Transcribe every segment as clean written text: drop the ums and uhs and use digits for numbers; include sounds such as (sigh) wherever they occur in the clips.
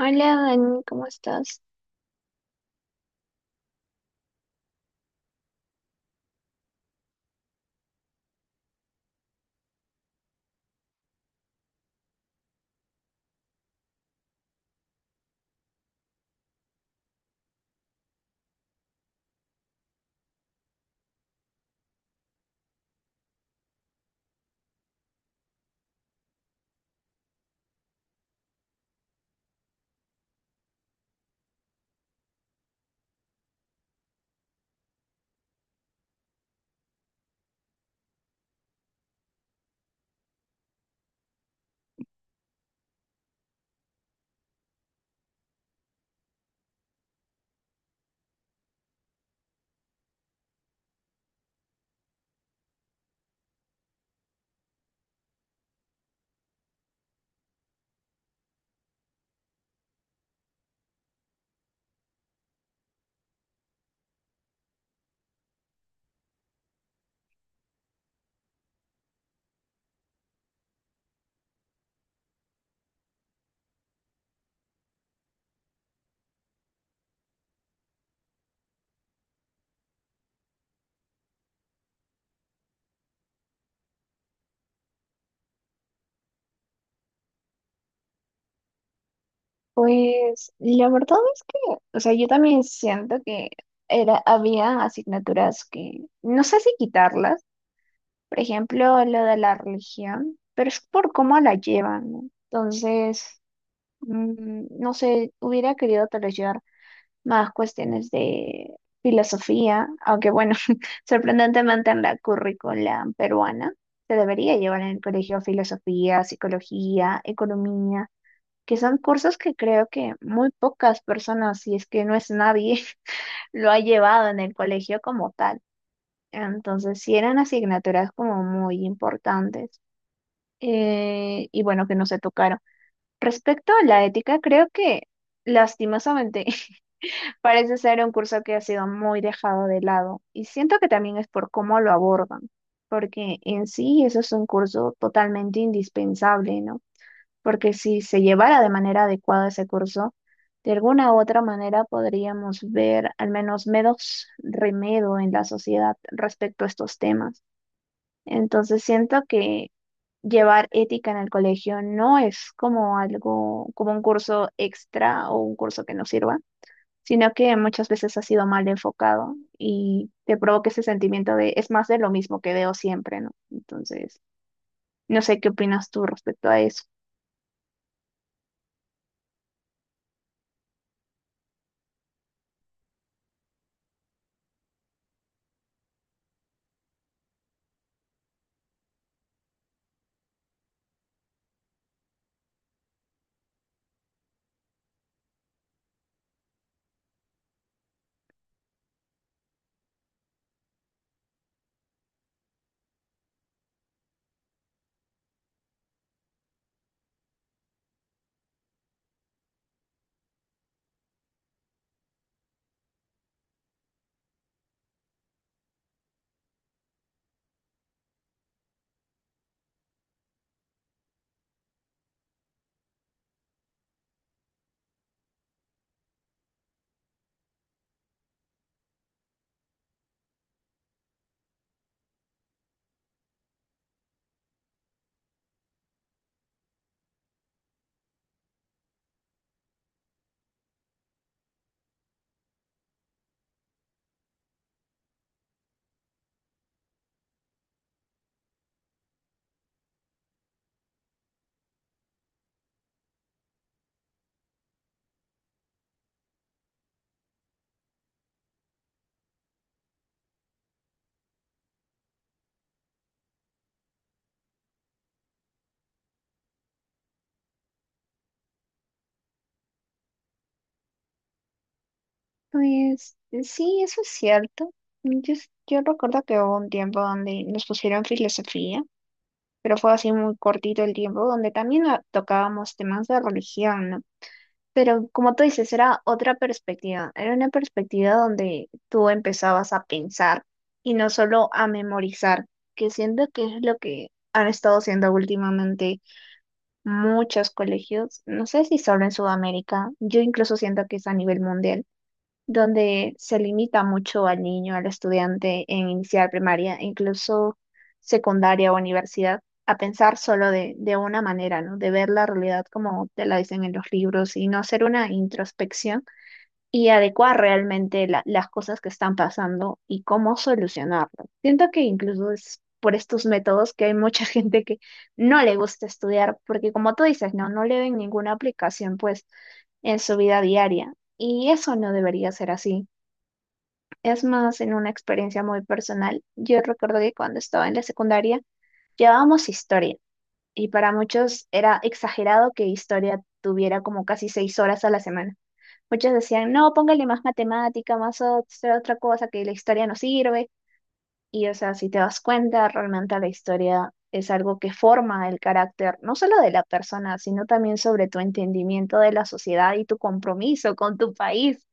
Hola Dani, ¿cómo estás? Pues la verdad es que, o sea, yo también siento que era, había asignaturas que no sé si quitarlas, por ejemplo, lo de la religión, pero es por cómo la llevan, ¿no? Entonces, no sé, hubiera querido tal vez llevar más cuestiones de filosofía, aunque bueno, (laughs) sorprendentemente en la currícula peruana se debería llevar en el colegio filosofía, psicología, economía, que son cursos que creo que muy pocas personas, si es que no es nadie, (laughs) lo ha llevado en el colegio como tal. Entonces, sí eran asignaturas como muy importantes, y bueno, que no se tocaron. Respecto a la ética, creo que lastimosamente (laughs) parece ser un curso que ha sido muy dejado de lado y siento que también es por cómo lo abordan, porque en sí eso es un curso totalmente indispensable, ¿no? Porque si se llevara de manera adecuada ese curso, de alguna u otra manera podríamos ver al menos menos remedio en la sociedad respecto a estos temas. Entonces siento que llevar ética en el colegio no es como algo, como un curso extra o un curso que no sirva, sino que muchas veces ha sido mal enfocado y te provoca ese sentimiento de es más de lo mismo que veo siempre, ¿no? Entonces, no sé qué opinas tú respecto a eso. Pues sí, eso es cierto. Mm, Yo, yo recuerdo que hubo un tiempo donde nos pusieron filosofía, pero fue así muy cortito el tiempo, donde también tocábamos temas de religión, ¿no? Pero como tú dices, era otra perspectiva, era una perspectiva donde tú empezabas a pensar y no solo a memorizar, que siento que es lo que han estado haciendo últimamente muchos colegios, no sé si solo en Sudamérica, yo incluso siento que es a nivel mundial, donde se limita mucho al niño, al estudiante en iniciar primaria, e incluso secundaria o universidad, a pensar solo de una manera, ¿no? De ver la realidad como te la dicen en los libros y no hacer una introspección y adecuar realmente las cosas que están pasando y cómo solucionarlo. Siento que incluso es por estos métodos que hay mucha (laughs) gente que no le gusta estudiar, porque como tú dices, no, no le ven ninguna aplicación pues en su vida diaria. Y eso no debería ser así. Es más, en una experiencia muy personal, yo recuerdo que cuando estaba en la secundaria llevábamos historia y para muchos era exagerado que historia tuviera como casi 6 horas a la semana. Muchos decían, no, póngale más matemática, más otra cosa, que la historia no sirve. Y, o sea, si te das cuenta, realmente la historia es algo que forma el carácter, no solo de la persona, sino también sobre tu entendimiento de la sociedad y tu compromiso con tu país.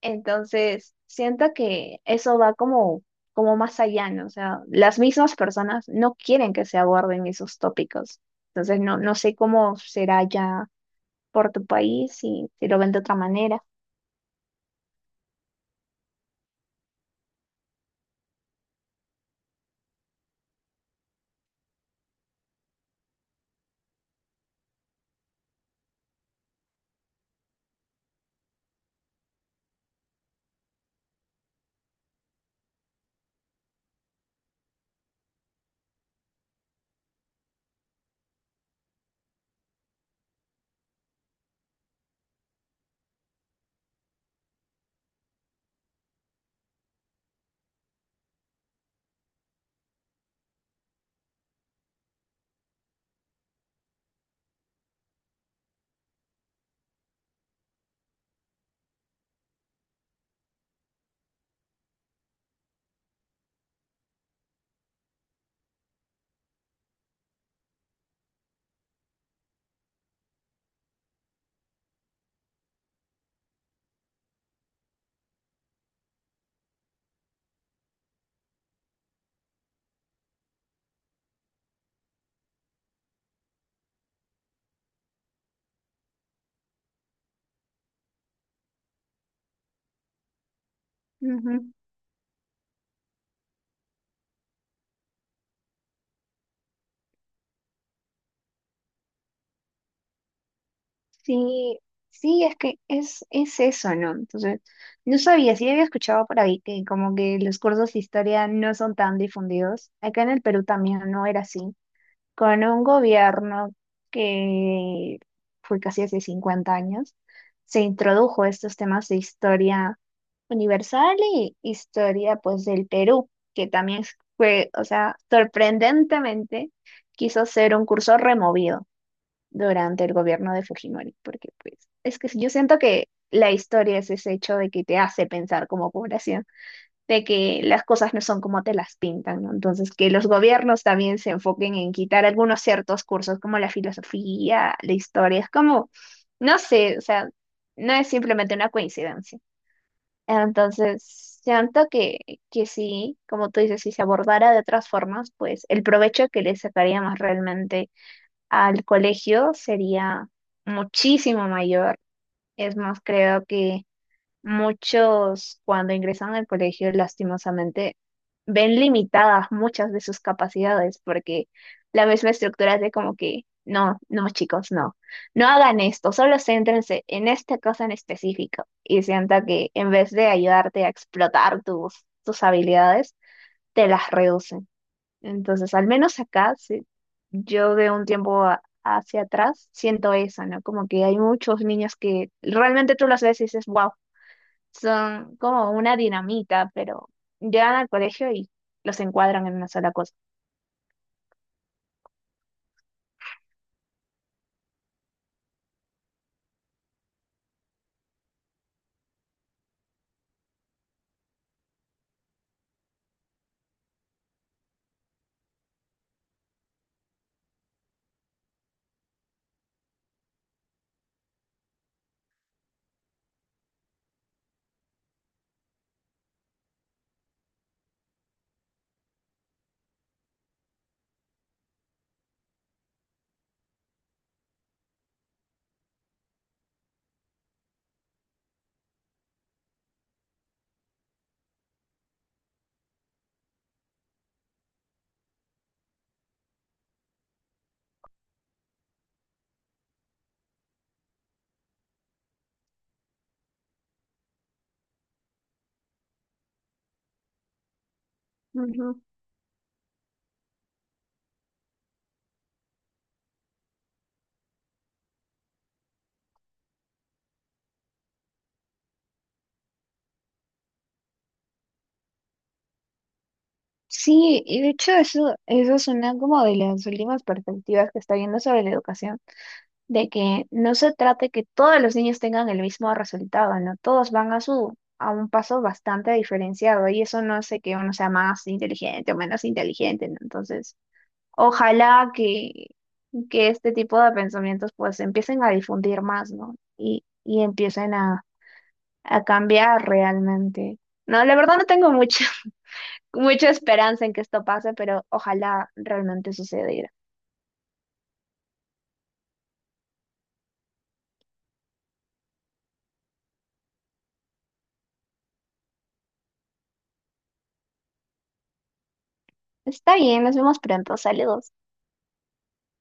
Entonces, siento que eso va como, como más allá, ¿no? O sea, las mismas personas no quieren que se aborden esos tópicos. Entonces, no, no sé cómo será ya por tu país, si lo ven de otra manera. Ujú. Sí, sí, es que es eso, ¿no? Entonces, no sabía, sí había escuchado por ahí que como que los cursos de historia no son tan difundidos. Acá en el Perú también no era así. Con un gobierno que fue casi hace 50 años, se introdujo estos temas de historia universal y historia pues del Perú, que también fue, o sea, sorprendentemente quiso ser un curso removido durante el gobierno de Fujimori, porque pues es que yo siento que la historia es ese hecho de que te hace pensar como población, de que las cosas no son como te las pintan, ¿no? Entonces, que los gobiernos también se enfoquen en quitar algunos ciertos cursos como la filosofía, la historia, es como, no sé, o sea, no es simplemente una coincidencia. Entonces, siento que sí, como tú dices, si se abordara de otras formas, pues el provecho que le sacaríamos realmente al colegio sería muchísimo mayor. Es más, creo que muchos cuando ingresan al colegio, lastimosamente, ven limitadas muchas de sus capacidades porque la misma estructura es de como que, no, no, chicos, no, no hagan esto, solo céntrense en esta cosa en específico y sienta que en vez de ayudarte a explotar tus habilidades, te las reducen. Entonces, al menos acá, sí, yo de un tiempo hacia atrás siento eso, ¿no? Como que hay muchos niños que realmente tú los ves y dices, wow, son como una dinamita, pero llegan al colegio y los encuadran en una sola cosa. Ujú. Sí, y de hecho eso es una como de las últimas perspectivas que está viendo sobre la educación, de que no se trate que todos los niños tengan el mismo resultado, ¿no? Todos van a a un paso bastante diferenciado y eso no hace que uno sea más inteligente o menos inteligente, ¿no? Entonces, ojalá que este tipo de pensamientos pues empiecen a difundir más, ¿no? Y empiecen a cambiar realmente. No, la verdad no tengo mucha, (laughs) mucha esperanza en que esto pase, pero ojalá realmente sucediera. Está bien, nos vemos pronto. Saludos.